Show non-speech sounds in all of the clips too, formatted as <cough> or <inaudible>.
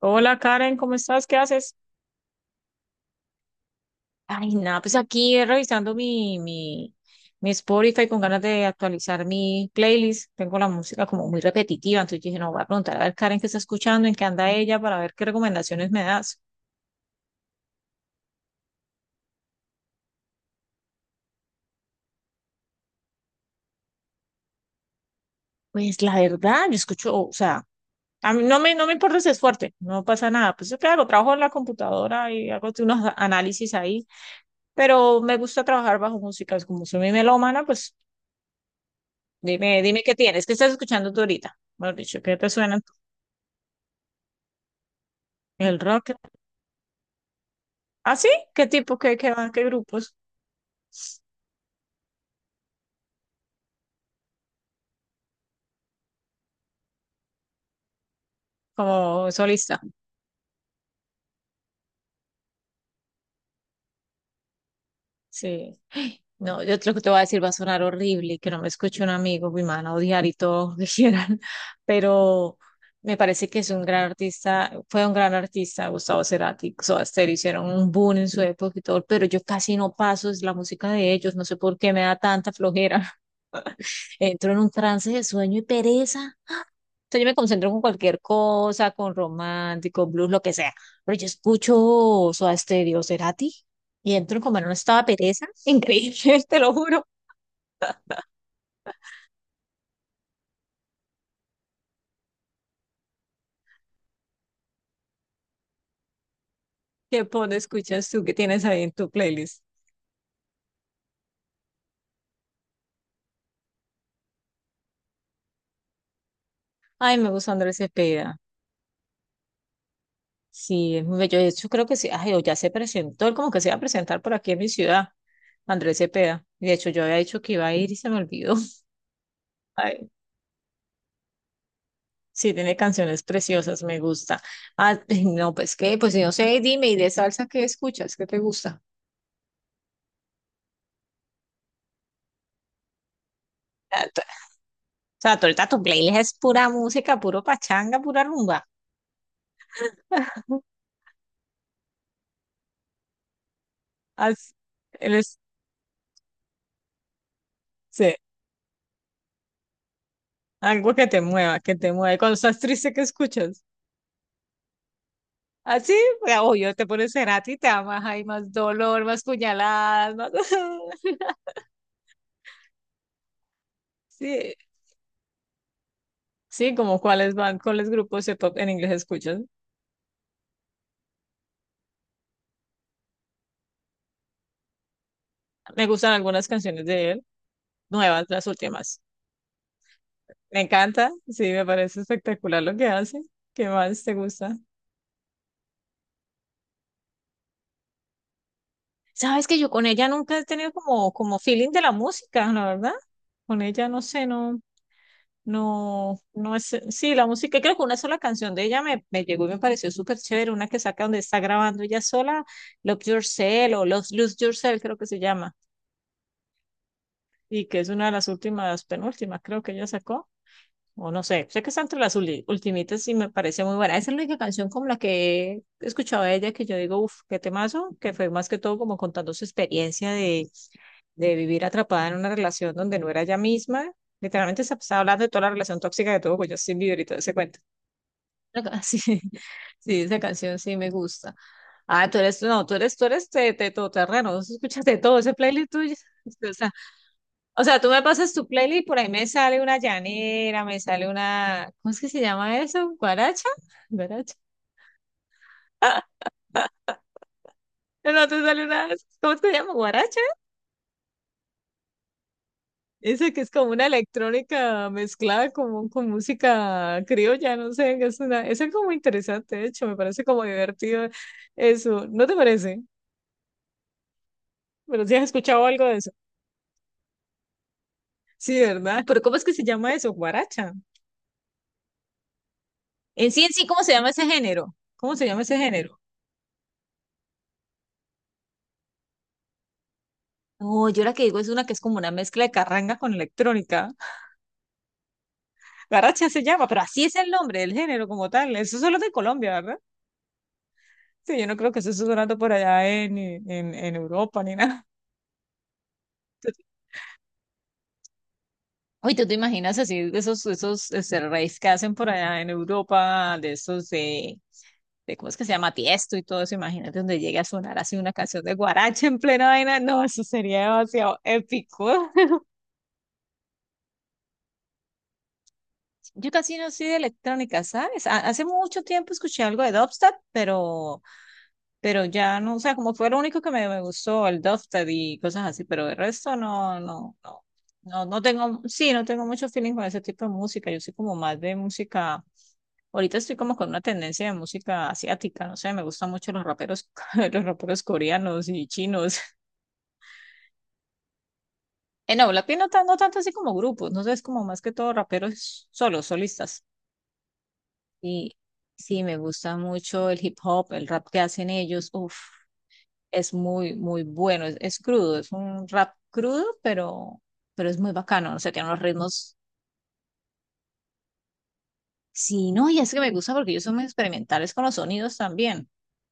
Hola Karen, ¿cómo estás? ¿Qué haces? Ay, nada, pues aquí revisando mi Spotify con ganas de actualizar mi playlist. Tengo la música como muy repetitiva, entonces dije, no, voy a preguntar a ver Karen qué está escuchando, en qué anda ella, para ver qué recomendaciones me das. Pues la verdad, yo escucho, o sea, a mí no me importa si es fuerte, no pasa nada. Pues claro, trabajo en la computadora y hago unos análisis ahí, pero me gusta trabajar bajo música, es como soy mi melómana, pues dime qué tienes, qué estás escuchando tú ahorita. Mejor dicho, ¿qué te suena? El rock. ¿Ah, sí? ¿Qué tipo, qué grupos? Como solista. Sí. <gasps> Ay, no, yo creo que te voy a decir, va a sonar horrible y que no me escuche un amigo, mi mano, odiar y todo, <laughs> dijeran. Pero me parece que es un gran artista, fue un gran artista, Gustavo Cerati, Soda Stereo, hicieron un boom en su época y todo, pero yo casi no paso, es la música de ellos, no sé por qué me da tanta flojera. <laughs> Entro en un trance de sueño y pereza sea, yo me concentro con cualquier cosa, con romántico, blues, lo que sea. Pero yo escucho Soda Stereo, Cerati, y entro como en un estado de pereza. Increíble, <laughs> te lo juro. ¿ Escuchas tú qué tienes ahí en tu playlist? Ay, me gusta Andrés Cepeda. Sí, es muy bello. De hecho, creo que sí. Ay, o ya se presentó, él como que se iba a presentar por aquí en mi ciudad, Andrés Cepeda. Y de hecho, yo había dicho que iba a ir y se me olvidó. <laughs> Sí, tiene canciones preciosas, me gusta. Ah, <laughs> no, pues no sé, dime, ¿y de salsa qué escuchas? ¿Qué te gusta? Ah, t- O sea, tú ahorita tu playlist es pura música, puro pachanga, pura rumba. <laughs> Haz- eres- sí, algo que te mueva, que te mueva. Y cuando estás triste, ¿qué escuchas? Así, obvio, te pones Cerati y te amas, hay más dolor, más puñaladas, más... <laughs> Sí, sí, como cuáles cuáles grupos de pop en inglés escuchas. Me gustan algunas canciones de él, nuevas, las últimas. Me encanta, sí, me parece espectacular lo que hace. ¿Qué más te gusta? Sabes que yo con ella nunca he tenido como, feeling de la música, la verdad. Con ella no sé, no, no, no es. Sí, la música, creo que una sola canción de ella me llegó y me pareció súper chévere. Una que saca donde está grabando ella sola, Love Yourself o Lose Yourself, creo que se llama. Y que es una de las últimas, penúltimas, creo que ella sacó. O no sé, sé que está entre las ultimitas y me parece muy buena. Esa es la única canción como la que he escuchado de ella que yo digo, uff, qué temazo, que fue más que todo como contando su experiencia de, vivir atrapada en una relación donde no era ella misma. Literalmente se estaba hablando de toda la relación tóxica que tuvo con Justin Bieber y todo ese cuento. <laughs> Sí, sí, esa canción sí me gusta. Ah, tú eres, no, tú eres de todoterreno, escuchas de todo ese playlist tuyo. <laughs> O sea, tú me pasas tu playlist por ahí me sale una llanera, me sale una, ¿cómo es que se llama eso? ¿Guaracha? ¿Guaracha? No, no, te sale una, ¿cómo es que se llama? ¿Guaracha? Esa que es como una electrónica mezclada con música criolla, no sé, es una, eso es como interesante, de hecho, me parece como divertido eso, ¿no te parece? Pero si has escuchado algo de eso. Sí, ¿verdad? Pero ¿cómo es que se llama eso? ¿Guaracha? En sí, ¿cómo se llama ese género? ¿Cómo se llama ese género? No, yo la que digo es una que es como una mezcla de carranga con electrónica. Garracha se llama, pero así es el nombre del género como tal. Eso solo es de Colombia, ¿verdad? Sí, yo no creo que eso esté sonando por allá en, Europa ni <laughs> nada. Oye, ¿tú te imaginas así esos raves que hacen por allá en Europa, de esos de cómo es que se llama Tiesto y todo eso? Imagínate donde llegue a sonar así una canción de guaracha en plena vaina. No, eso sería demasiado épico. <laughs> Yo casi no soy de electrónica, ¿sabes? Hace mucho tiempo escuché algo de dubstep, pero ya no, o sea, como fue lo único que me gustó, el Dofted y cosas así, pero el resto no, no, no, no, no tengo, sí, no tengo mucho feeling con ese tipo de música, yo soy como más de música, ahorita estoy como con una tendencia de música asiática, no sé, me gustan mucho los raperos, <laughs> los raperos coreanos y chinos. <laughs> No, Blackpink no, no tanto así como grupos, no sé, es como más que todo raperos solos, solistas. Y sí, me gusta mucho el hip hop, el rap que hacen ellos, uff. Es muy, muy bueno, es crudo, es un rap crudo, pero es muy bacano, o sea, tiene unos ritmos, sí, no, y es que me gusta porque ellos son muy experimentales con los sonidos también,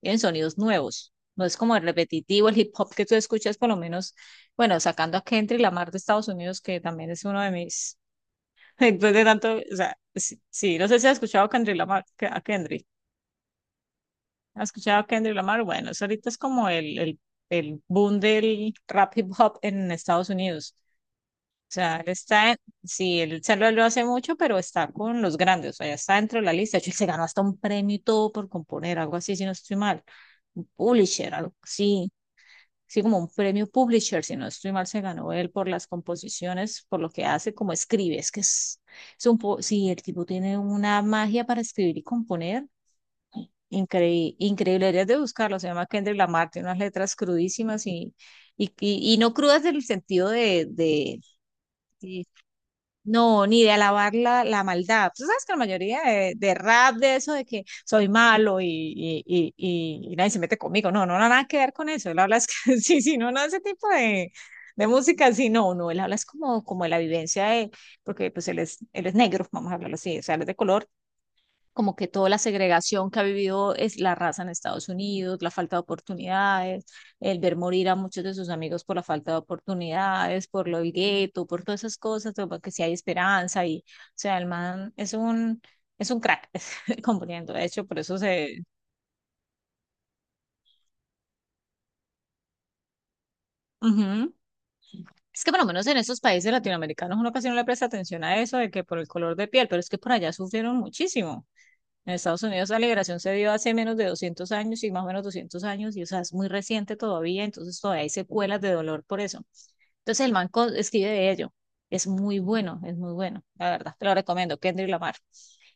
tienen sonidos nuevos, no es como el repetitivo, el hip hop que tú escuchas, por lo menos, bueno, sacando a Kendrick Lamar de Estados Unidos, que también es uno de mis, <laughs> después de tanto, o sea, sí, sí, no sé si has escuchado a Kendrick Lamar, a Kendrick, ¿has escuchado a Kendrick Lamar? Bueno, eso ahorita es como el boom del rap hip hop en Estados Unidos. O sea, él está, sí, él se lo hace mucho, pero está con los grandes, o sea, ya está dentro de la lista. De hecho, él se ganó hasta un premio y todo por componer, algo así, si no estoy mal. Un publisher, algo así, sí, como un premio publisher, si no estoy mal, se ganó él por las composiciones, por lo que hace, como escribe. Es que sí, el tipo tiene una magia para escribir y componer. Increíble, increíble, deberías de buscarlo, se llama Kendrick Lamar, tiene unas letras crudísimas y no crudas del sentido de, no, ni de alabar la maldad. Tú sabes que la mayoría de rap, de eso, de que soy malo y nadie se mete conmigo. No, no, no, nada que ver con eso. Él habla, es que, <laughs> sí, sí, no, no, ese tipo de, música, sí, no, no, él habla es como, de la vivencia de, porque pues él es negro, vamos a hablarlo así, o sea, él es de color como que toda la segregación que ha vivido es la raza en Estados Unidos, la falta de oportunidades, el ver morir a muchos de sus amigos por la falta de oportunidades, por lo del gueto, por todas esas cosas, como que si hay esperanza y, o sea, el man es un crack <laughs> componiendo, de hecho, por eso se... Ujú. Es que por lo menos en esos países latinoamericanos uno casi no le presta atención a eso de que por el color de piel, pero es que por allá sufrieron muchísimo. En Estados Unidos la liberación se dio hace menos de 200 años y más o menos 200 años, y o sea, es muy reciente todavía, entonces todavía hay secuelas de dolor por eso. Entonces el man escribe de ello. Es muy bueno, la verdad. Te lo recomiendo, Kendrick Lamar.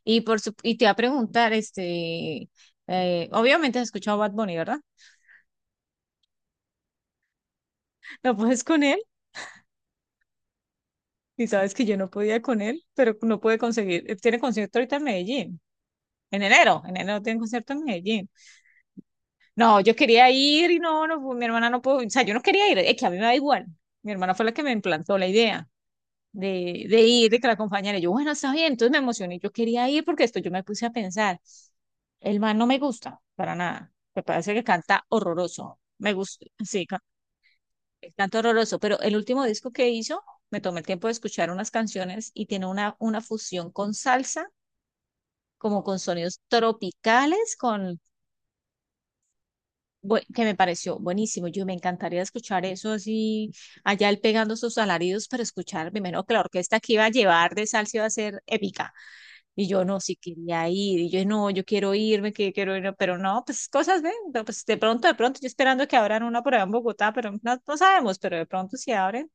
Y, y te va a preguntar, obviamente has escuchado Bad Bunny, ¿verdad? <laughs> No puedes con él, y sabes que yo no podía con él, pero no pude conseguir. Él tiene concierto ahorita en Medellín, en enero tiene concierto en Medellín. No, yo quería ir y no, no, mi hermana no pudo, o sea, yo no quería ir, es que a mí me da igual. Mi hermana fue la que me implantó la idea de, ir, de que la acompañara. Y yo, bueno, está bien, entonces me emocioné, yo quería ir porque esto yo me puse a pensar, el man no me gusta para nada, me parece que canta horroroso, me gusta, sí, canta horroroso, pero el último disco que hizo, me tomé el tiempo de escuchar unas canciones y tiene una fusión con salsa, como con sonidos tropicales, que me pareció buenísimo. Yo me encantaría escuchar eso así, allá él pegando sus alaridos para escuchar. Primero que la orquesta que iba a llevar de salsa iba a ser épica. Y yo no, sí quería ir. Y yo no, yo quiero irme, que quiero ir. Pero no, pues cosas ven. No, pues de pronto, yo esperando que abran una por allá en Bogotá, pero no, no sabemos. Pero de pronto si abren,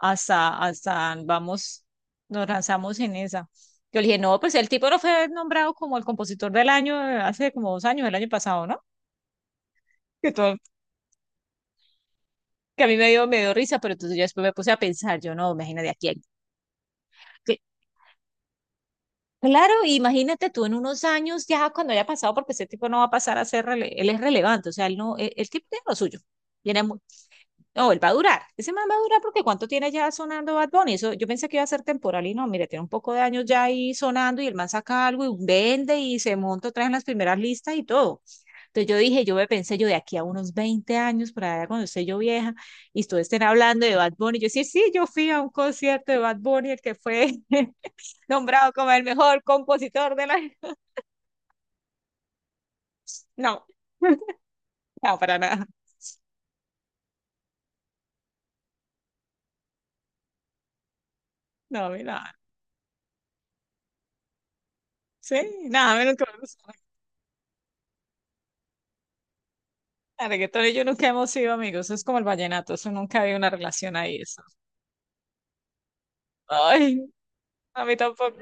hasta, vamos, nos lanzamos en esa. Yo le dije, no, pues el tipo no fue nombrado como el compositor del año hace como 2 años, el año pasado, ¿no? Que todo que a mí me dio risa, pero entonces yo después me puse a pensar, yo no, imagínate aquí. Que- Claro, imagínate tú en unos años ya cuando haya pasado, porque ese tipo no va a pasar a ser, él es relevante, o sea, él no, el tipo tiene lo suyo. Tiene mu- no, él va a durar, ese man va a durar porque cuánto tiene ya sonando Bad Bunny, eso, yo pensé que iba a ser temporal y no, mire, tiene un poco de años ya ahí sonando y el man saca algo y vende y se monta otra vez en las primeras listas y todo. Entonces yo dije, yo me pensé, yo de aquí a unos 20 años, para allá cuando esté yo vieja, y ustedes estén hablando de Bad Bunny. Yo sí, sí, yo fui a un concierto de Bad Bunny, el que fue <laughs> nombrado como el mejor compositor de la... No, <laughs> no, para nada. No, a mí nada. Sí, nada, menos que me gustó. El reggaetón y yo nunca hemos sido amigos, es como el vallenato, eso nunca había una relación ahí, eso. Ay, a mí tampoco.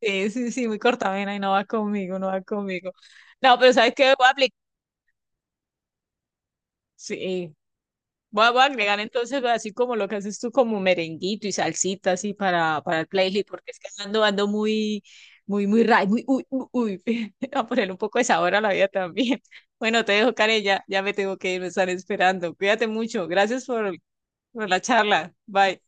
Sí, sí, sí, muy cortavena y no va conmigo, no va conmigo. No, pero ¿sabes qué? Voy a aplicar. Sí, voy a agregar entonces, así como lo que haces tú, como merenguito y salsita así para, el playlist, porque es que ando muy, muy, muy, muy, uy, uy, uy. <laughs> A ponerle un poco de sabor a la vida también. <laughs> Bueno, te dejo, Karen, ya, ya me tengo que ir, me están esperando. Cuídate mucho. Gracias por, la charla. Bye.